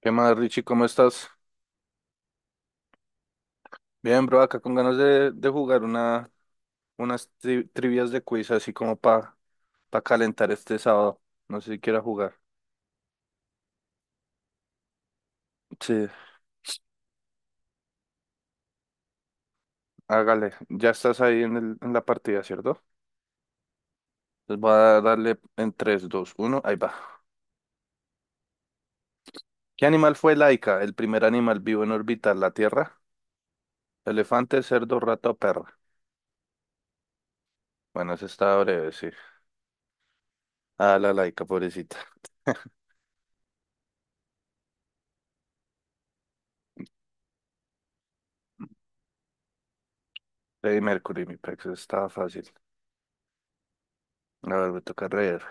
¿Qué más, Richie? ¿Cómo estás? Bien, bro, acá con ganas de jugar unas trivias de quiz, así como para calentar este sábado. No sé si quiera jugar. Sí, hágale. Ya estás ahí en la partida, ¿cierto? Entonces voy a darle en tres, dos, uno. Ahí va. ¿Qué animal fue la el primer animal vivo en orbitar la Tierra? Elefante, cerdo, rato, o perro. Bueno, ese estaba breve, sí. Ah, la laica, pobrecita. Freddie Mercury, mi pex, estaba fácil. A ver, me toca leer.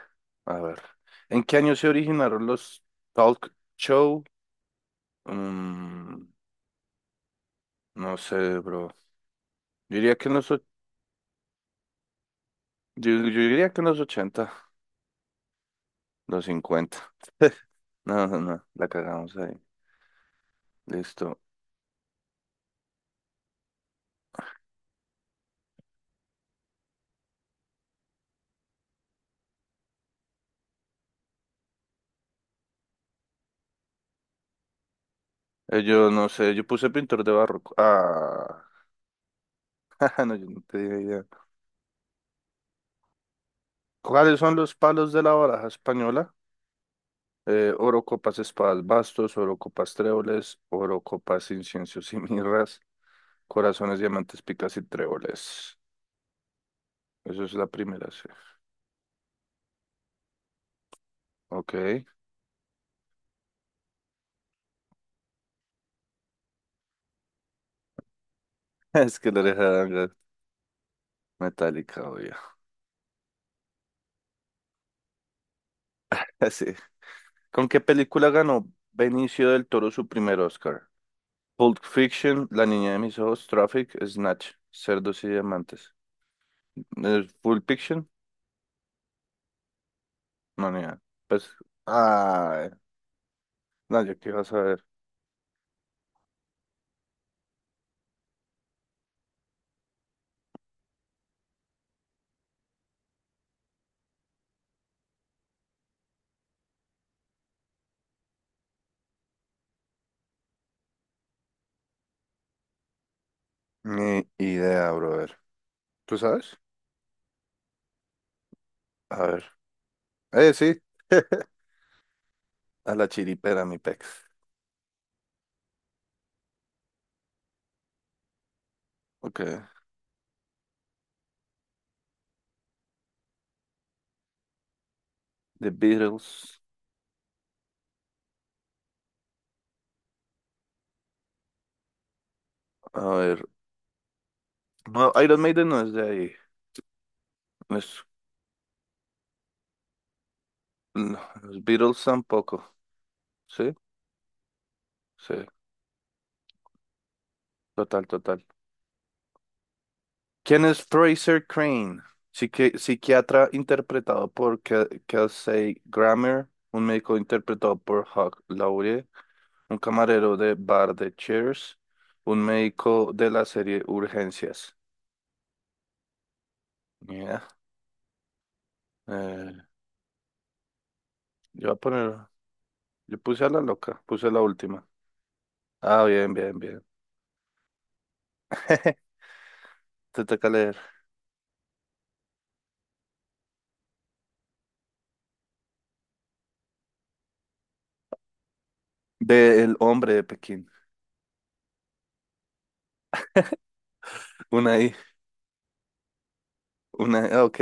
A ver. ¿En qué año se originaron los talk show? Mm, no sé, bro. Yo diría que en los, och- yo diría que en los 80 los 50. No, no, no, la cagamos ahí. Listo. Yo no sé, yo puse pintor de barroco. Ah, No, yo no tenía idea. ¿Cuáles son los palos de la baraja española? Oro, copas, espadas, bastos, oro, copas, tréboles, oro, copas, inciensos y mirras, corazones, diamantes, picas y tréboles. Eso es la primera, sí. Ok. Es que la oreja de Van Gogh, metálica, obvio. Así. ¿Con qué película ganó Benicio del Toro su primer Oscar? Pulp Fiction, La niña de mis ojos, Traffic, Snatch, Cerdos y Diamantes. ¿Pulp Fiction? No, ni idea. Pues, ah, no, yo qué iba a saber. Ni idea, brother. ¿Tú sabes? A ver. Sí. A la chiripera, mi pex. Ok. The Beatles. A ver. No, Iron Maiden no es de ahí. No es No, los Beatles tampoco. Sí, sí, total, total. ¿Quién es Fraser Crane? Psiquiatra interpretado por Kelsey Grammer, un médico interpretado por Hugh Laurie, un camarero de bar de Cheers, un médico de la serie Urgencias. Mira, eh, yo voy a poner, yo puse a la loca, puse la última. Ah, bien, bien, bien. Te toca leer. De El hombre de Pekín. Una I, ok.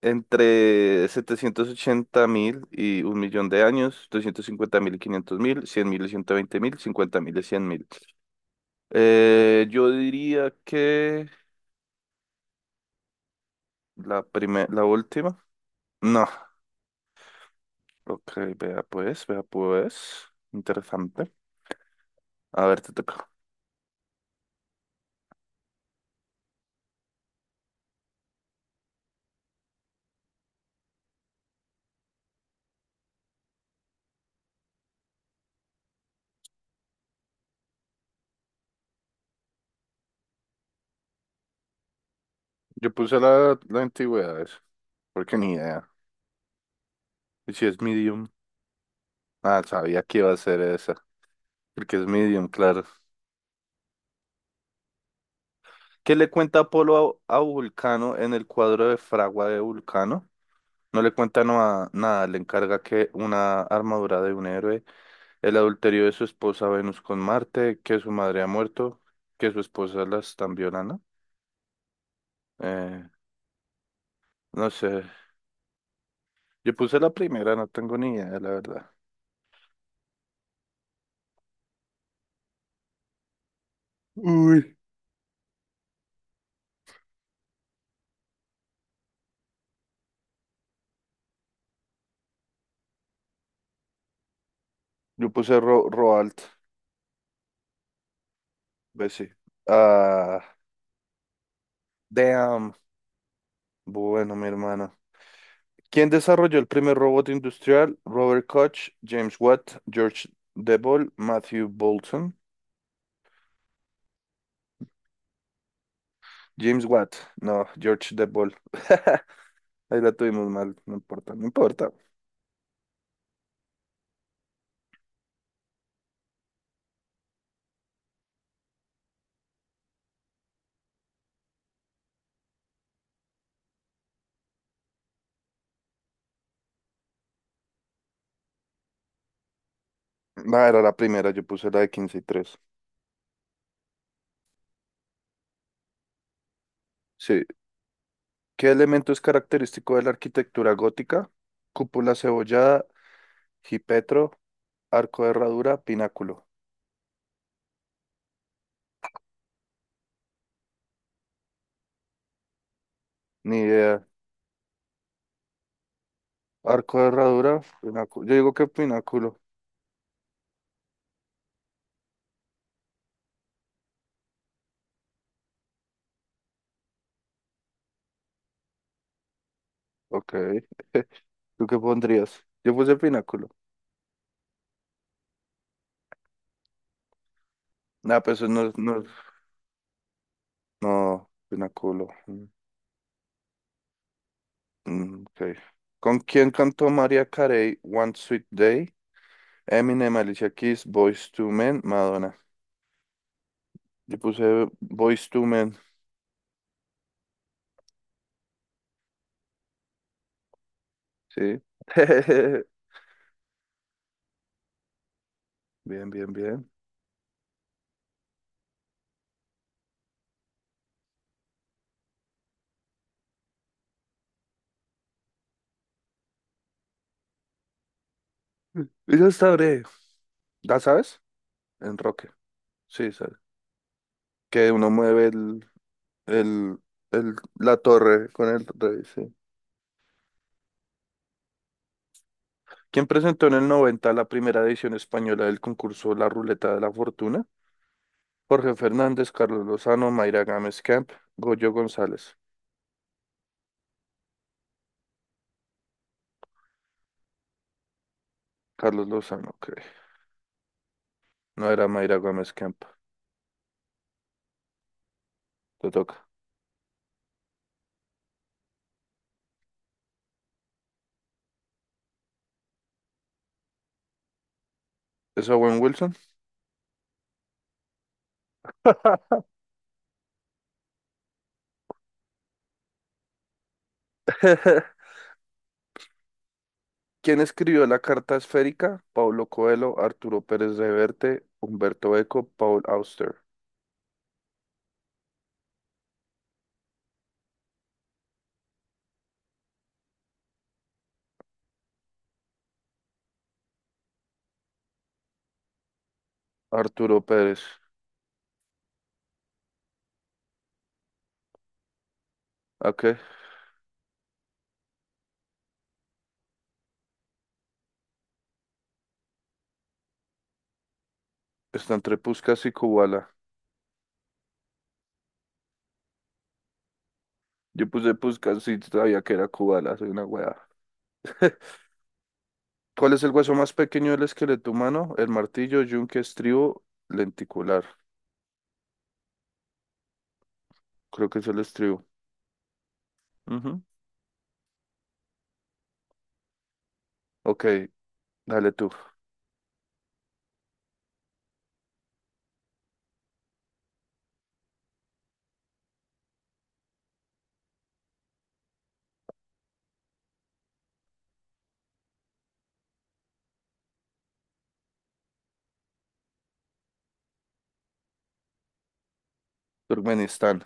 Entre 780.000 y un millón de años, 250.000 y 500.000, 100.000 y 120.000, 50.000 y 100.000. Yo diría que la primera, la última. No, ok, vea pues, vea pues. Interesante. A ver, te toca. Yo puse la antigüedad, eso, porque ni idea. ¿Y si es medium? Ah, sabía que iba a ser esa, porque es medium, claro. ¿Qué le cuenta Apolo a Vulcano en el cuadro de Fragua de Vulcano? No le cuenta nada, le encarga que una armadura de un héroe, el adulterio de su esposa Venus con Marte, que su madre ha muerto, que su esposa la están violando. Eh, no sé, yo puse la primera, no tengo ni idea, la verdad. Uy. Yo puse Ro Roald, Bessie. Ah, damn. Bueno, mi hermano. ¿Quién desarrolló el primer robot industrial? Robert Koch, James Watt, George Devol, Matthew Bolton. James Watt, no, George The Ball. Ahí la tuvimos mal, no importa, no importa. No, era la primera, yo puse la de 15 y tres. Sí. ¿Qué elemento es característico de la arquitectura gótica? Cúpula cebollada, jipetro, arco de herradura, pináculo. Ni idea. Arco de herradura, pináculo. Yo digo que pináculo. Ok. ¿Tú qué pondrías? Yo puse pináculo. Nah, pues eso no, es, no, no, pináculo. Ok. ¿Con quién cantó María Carey One Sweet Day? Eminem, Alicia Keys, Boyz II Men, Madonna. Yo puse Boyz II Men, sí. Bien, bien, bien. Y ya está breve. ¿Ya sabes? Enroque. Sí, sabes. Que uno mueve el, la torre con el rey, sí. ¿Quién presentó en el 90 la primera edición española del concurso La Ruleta de la Fortuna? Jorge Fernández, Carlos Lozano, Mayra Gámez Camp, Goyo González. Carlos Lozano, ok. No era Mayra Gómez Camp. Te toca. ¿Es Owen Wilson? ¿Quién escribió la carta esférica? Paulo Coelho, Arturo Pérez Reverte, Humberto Eco, Paul Auster. Arturo Pérez. ¿A qué? Está entre Puskás y Kubala. Yo puse Puskás y sabía que era Kubala, soy una weá. ¿Cuál es el hueso más pequeño del esqueleto humano? El martillo, yunque, estribo, lenticular. Creo que es el estribo. Ujú. Ok, dale tú. Turkmenistán.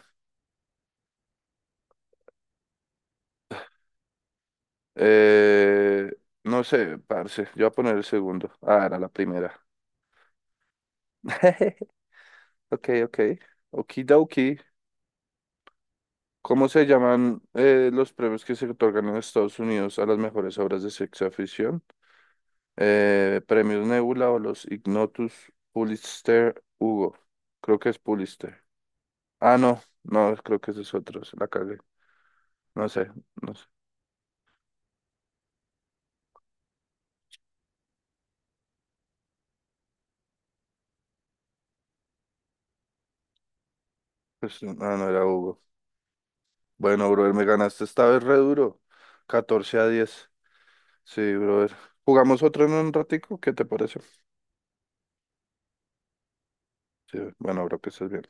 Eh, no sé, parce. Yo voy a poner el segundo. Ah, era la primera. Ok, ok. Okidoki. ¿Cómo se llaman los premios que se otorgan en Estados Unidos a las mejores obras de ciencia ficción? Premios Nebula o los Ignotus Pulitzer Hugo. Creo que es Pulitzer. Ah, no, no, creo que ese es esos otros. La cagué. No sé, no sé. Pues, no, no era Hugo. Bueno, brother, me ganaste esta vez re duro. 14 a diez. Sí, brother. ¿Jugamos otro en un ratico? ¿Qué te parece? Sí, bueno, bro, que estés bien.